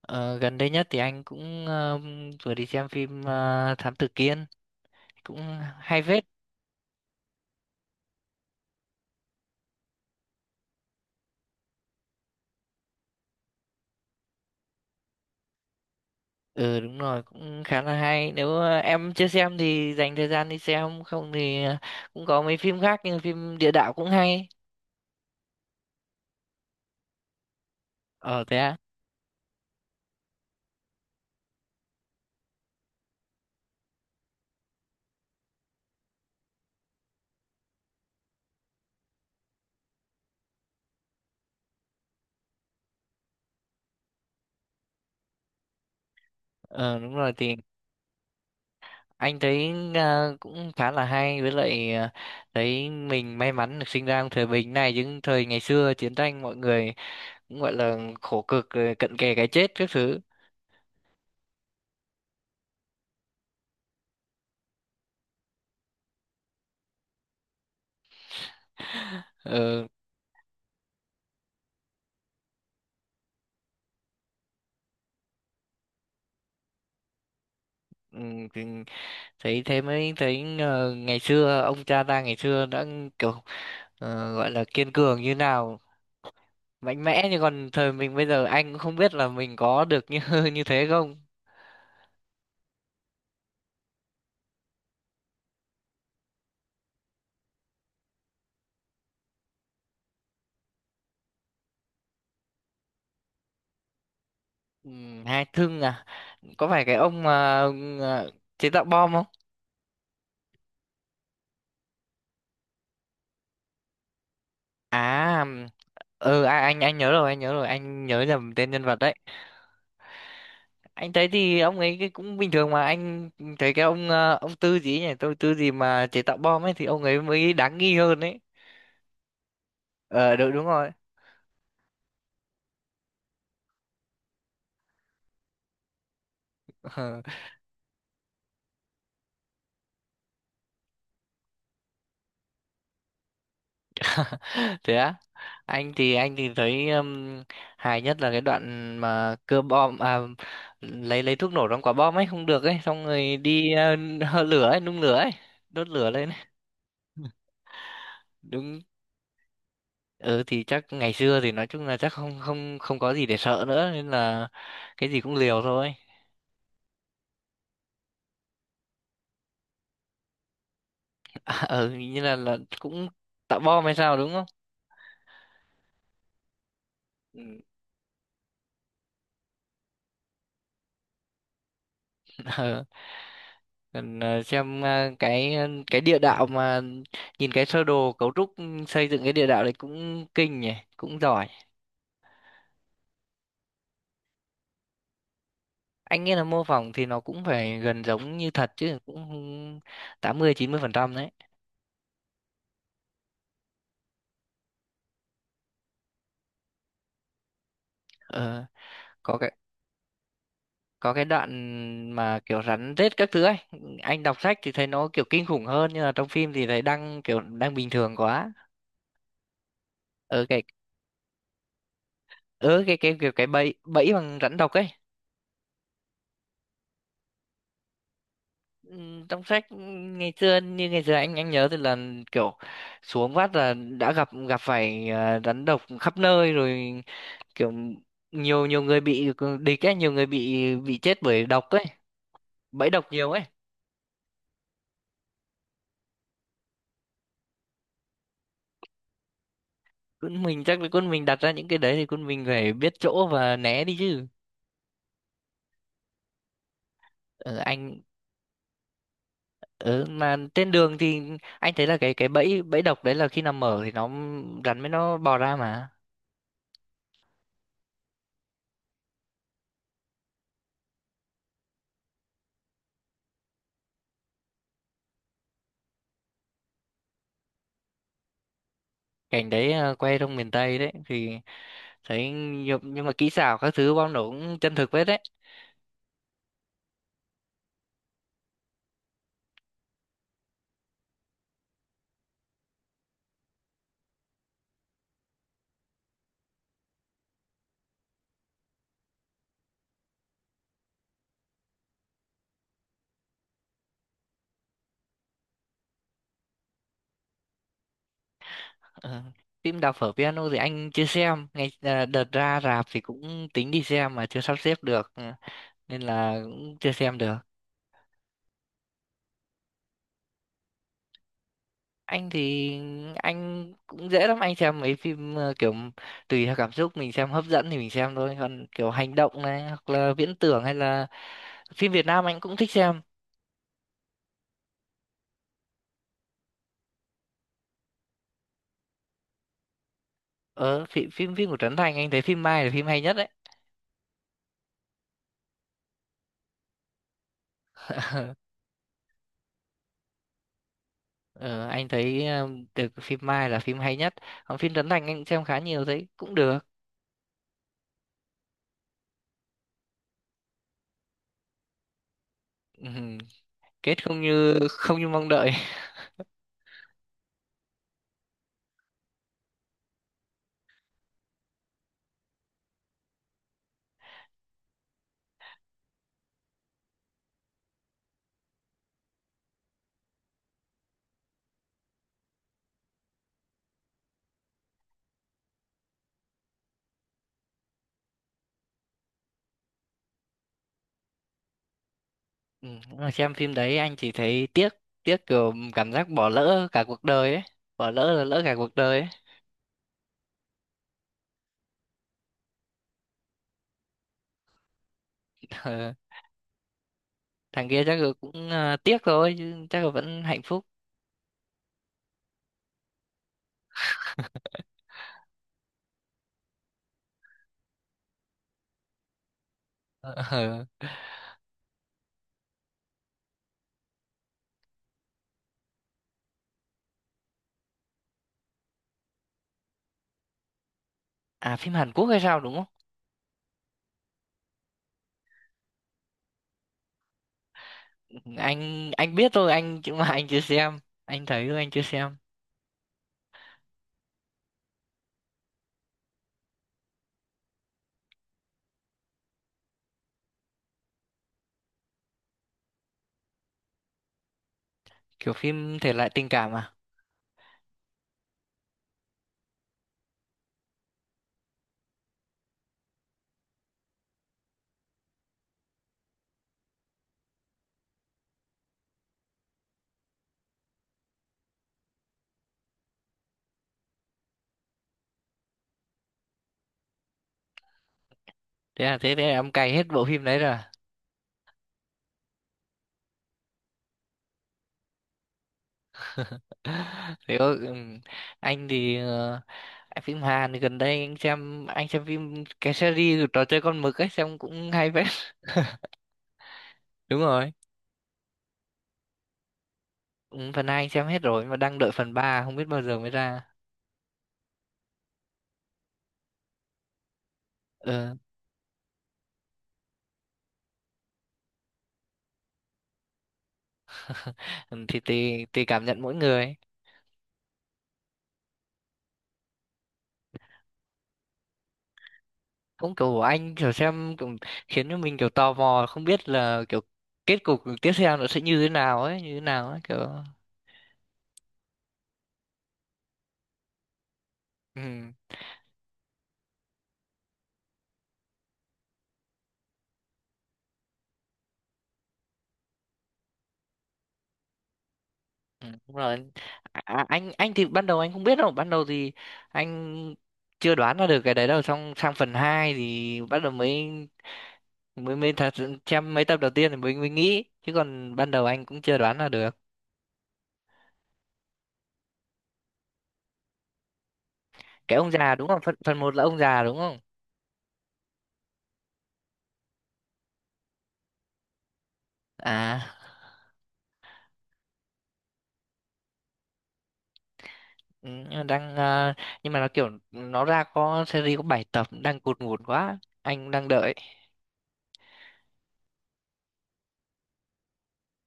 Ờ, Gần đây nhất thì anh cũng vừa đi xem phim Thám Tử Kiên cũng hay phết. Ừ, đúng rồi, cũng khá là hay, nếu em chưa xem thì dành thời gian đi xem, không thì cũng có mấy phim khác, nhưng phim địa đạo cũng hay. Ờ Thế à? Ờ Đúng rồi thì anh thấy cũng khá là hay, với lại thấy mình may mắn được sinh ra trong thời bình này, chứ thời ngày xưa chiến tranh mọi người cũng gọi là khổ cực rồi, cận kề cái chết các thứ. ờ ừ, thì thấy thế mới thấy ngày xưa ông cha ta ngày xưa đã kiểu, gọi là kiên cường như nào, mạnh mẽ, như còn thời mình bây giờ anh cũng không biết là mình có được như như thế không. Ừ, hai thương à? Có phải cái ông mà ờ, chế tạo bom không? À, ừ à, anh nhớ rồi, anh nhớ rồi, anh nhớ nhầm tên nhân vật đấy. Anh thấy thì ông ấy cái cũng bình thường, mà anh thấy cái ông ông Tư gì ấy nhỉ, tôi Tư gì mà chế tạo bom ấy, thì ông ấy mới đáng nghi hơn ấy. Ờ, đúng đúng rồi. Thế á? Anh thì thấy hài nhất là cái đoạn mà cưa bom à, lấy thuốc nổ trong quả bom ấy không được ấy, xong rồi đi hơ lửa ấy, nung lửa ấy, đốt lửa lên ấy. Đúng. Ừ, thì chắc ngày xưa thì nói chung là chắc không không không có gì để sợ nữa, nên là cái gì cũng liều thôi. À, ừ, như là cũng tạo bom hay sao đúng không? Ừ. Ừ. Cần xem cái cái địa đạo mà nhìn cái sơ đồ cấu trúc, ừ, xây dựng cái địa đạo đấy cũng kinh nhỉ, cũng giỏi. Anh nghĩ là mô phỏng thì nó cũng phải gần giống như thật chứ, cũng 80 90% đấy. ờ, có cái, có cái đoạn mà kiểu rắn rết các thứ ấy, anh đọc sách thì thấy nó kiểu kinh khủng hơn, nhưng mà trong phim thì thấy đang kiểu đang bình thường quá. Ở cái ở cái cái kiểu cái bẫy bẫy bằng rắn độc ấy. Ừ, trong sách, ừ, ngày xưa, như ngày xưa anh nhớ thì là kiểu xuống vắt là đã gặp gặp phải, à, rắn độc khắp nơi rồi, kiểu nhiều nhiều người bị địch ấy, nhiều người bị chết bởi độc ấy, bẫy độc nhiều ấy. Quân mình chắc là quân mình đặt ra những cái đấy thì quân mình phải biết chỗ và né đi chứ. Ở anh ở mà trên đường thì anh thấy là cái bẫy bẫy độc đấy là khi nằm mở thì nó, rắn mới nó bò ra mà. Cảnh đấy à, quay trong miền Tây đấy thì thấy, nhưng mà kỹ xảo các thứ bom nổ cũng chân thực phết đấy. Ờ, phim Đào phở piano thì anh chưa xem, ngày à, đợt ra rạp thì cũng tính đi xem mà chưa sắp xếp được. Ừ, nên là cũng chưa xem được. Anh thì anh cũng dễ lắm, anh xem mấy phim kiểu tùy theo cảm xúc, mình xem hấp dẫn thì mình xem thôi, còn kiểu hành động này hoặc là viễn tưởng, hay là phim Việt Nam anh cũng thích xem. Ờ phim phim phim của Trấn Thành anh thấy phim Mai là phim hay nhất đấy. Ờ, anh thấy được, phim Mai là phim hay nhất. Còn phim Trấn Thành anh cũng xem khá nhiều, thấy cũng được. Ừm, Kết không như mong đợi. Ừ, nhưng mà xem phim đấy anh chỉ thấy tiếc, tiếc kiểu cảm giác bỏ lỡ cả cuộc đời ấy. Bỏ lỡ là lỡ cả cuộc đời ấy. Ờ, thằng kia chắc là cũng, à, tiếc thôi chứ chắc là vẫn hạnh phúc. Ờ. Ờ. À, phim Hàn Quốc hay sao đúng không? Ừ, anh biết thôi anh, chứ mà anh chưa xem. Anh thấy thôi, anh chưa xem. Kiểu phim thể loại tình cảm à? Thế là thế thế là em cày hết bộ phim đấy rồi. Thế có- anh thì anh phim Hàn thì gần đây anh xem, phim cái series trò chơi con mực ấy, xem cũng hay phết. Đúng rồi. Phần hai anh xem hết rồi mà đang đợi phần ba, không biết bao giờ mới ra. Ờ, thì tùy tùy cảm nhận mỗi người. Cũng kiểu anh kiểu xem kiểu khiến cho mình kiểu tò mò, không biết là kiểu kết cục tiếp theo nó sẽ như thế nào ấy, kiểu. Ừ. Ừ, đúng rồi. À, à, anh thì ban đầu anh không biết đâu, ban đầu thì anh chưa đoán ra được cái đấy đâu, xong sang phần 2 thì bắt đầu mới mới mới thật sự xem mấy tập đầu tiên thì mới mới nghĩ, chứ còn ban đầu anh cũng chưa đoán ra được. Cái ông già đúng không, phần phần một là ông già đúng không? À. Ừ, nhưng mà đang, à, nhưng mà nó kiểu nó ra có series có 7 tập, đang cụt ngủn quá, anh đang đợi.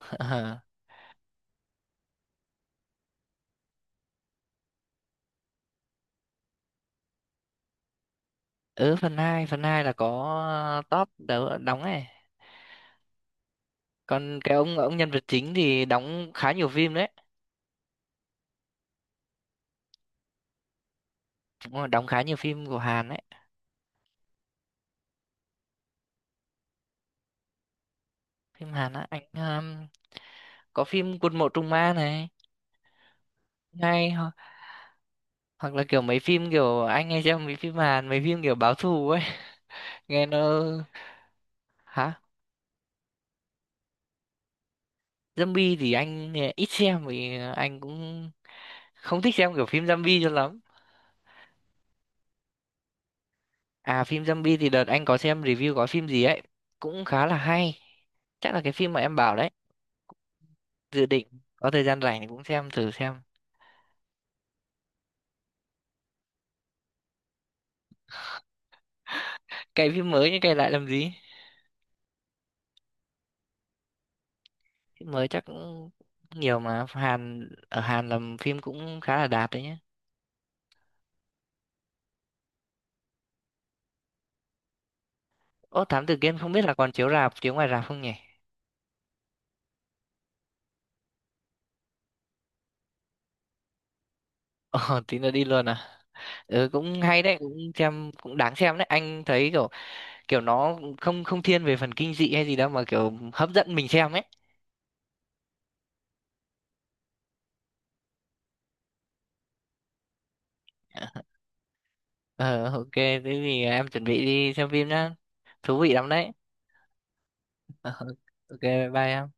Ờ. Ừ, phần hai là có top đấu đóng ấy. Còn cái ông nhân vật chính thì đóng khá nhiều phim đấy. Đúng rồi, đóng khá nhiều phim của Hàn đấy. Phim Hàn á, anh có phim Quân Mộ Trung ma này, ngay ho, hoặc là kiểu mấy phim kiểu, anh hay xem mấy phim Hàn, mấy phim kiểu báo thù ấy. Nghe nó. Hả? Zombie thì anh ít xem, vì anh cũng không thích xem kiểu phim zombie cho lắm. À, phim zombie thì đợt anh có xem review có phim gì ấy, cũng khá là hay, chắc là cái phim mà em bảo đấy. Dự định có thời gian rảnh thì cũng xem thử xem. Cày phim mới nhưng cày lại làm gì. Phim mới chắc cũng nhiều mà, Hàn ở Hàn làm phim cũng khá là đạt đấy nhá. Ô, Thám Tử Kiên không biết là còn chiếu rạp, chiếu ngoài rạp không nhỉ. Ồ, tí nữa đi luôn à. Ừ, cũng hay đấy, cũng xem, cũng đáng xem đấy, anh thấy kiểu, kiểu nó không không thiên về phần kinh dị hay gì đâu, mà kiểu hấp dẫn mình xem ấy. Ờ, ok, thế thì em chuẩn bị đi xem phim nhá, thú vị lắm đấy. Ờ, ok, bye bye em.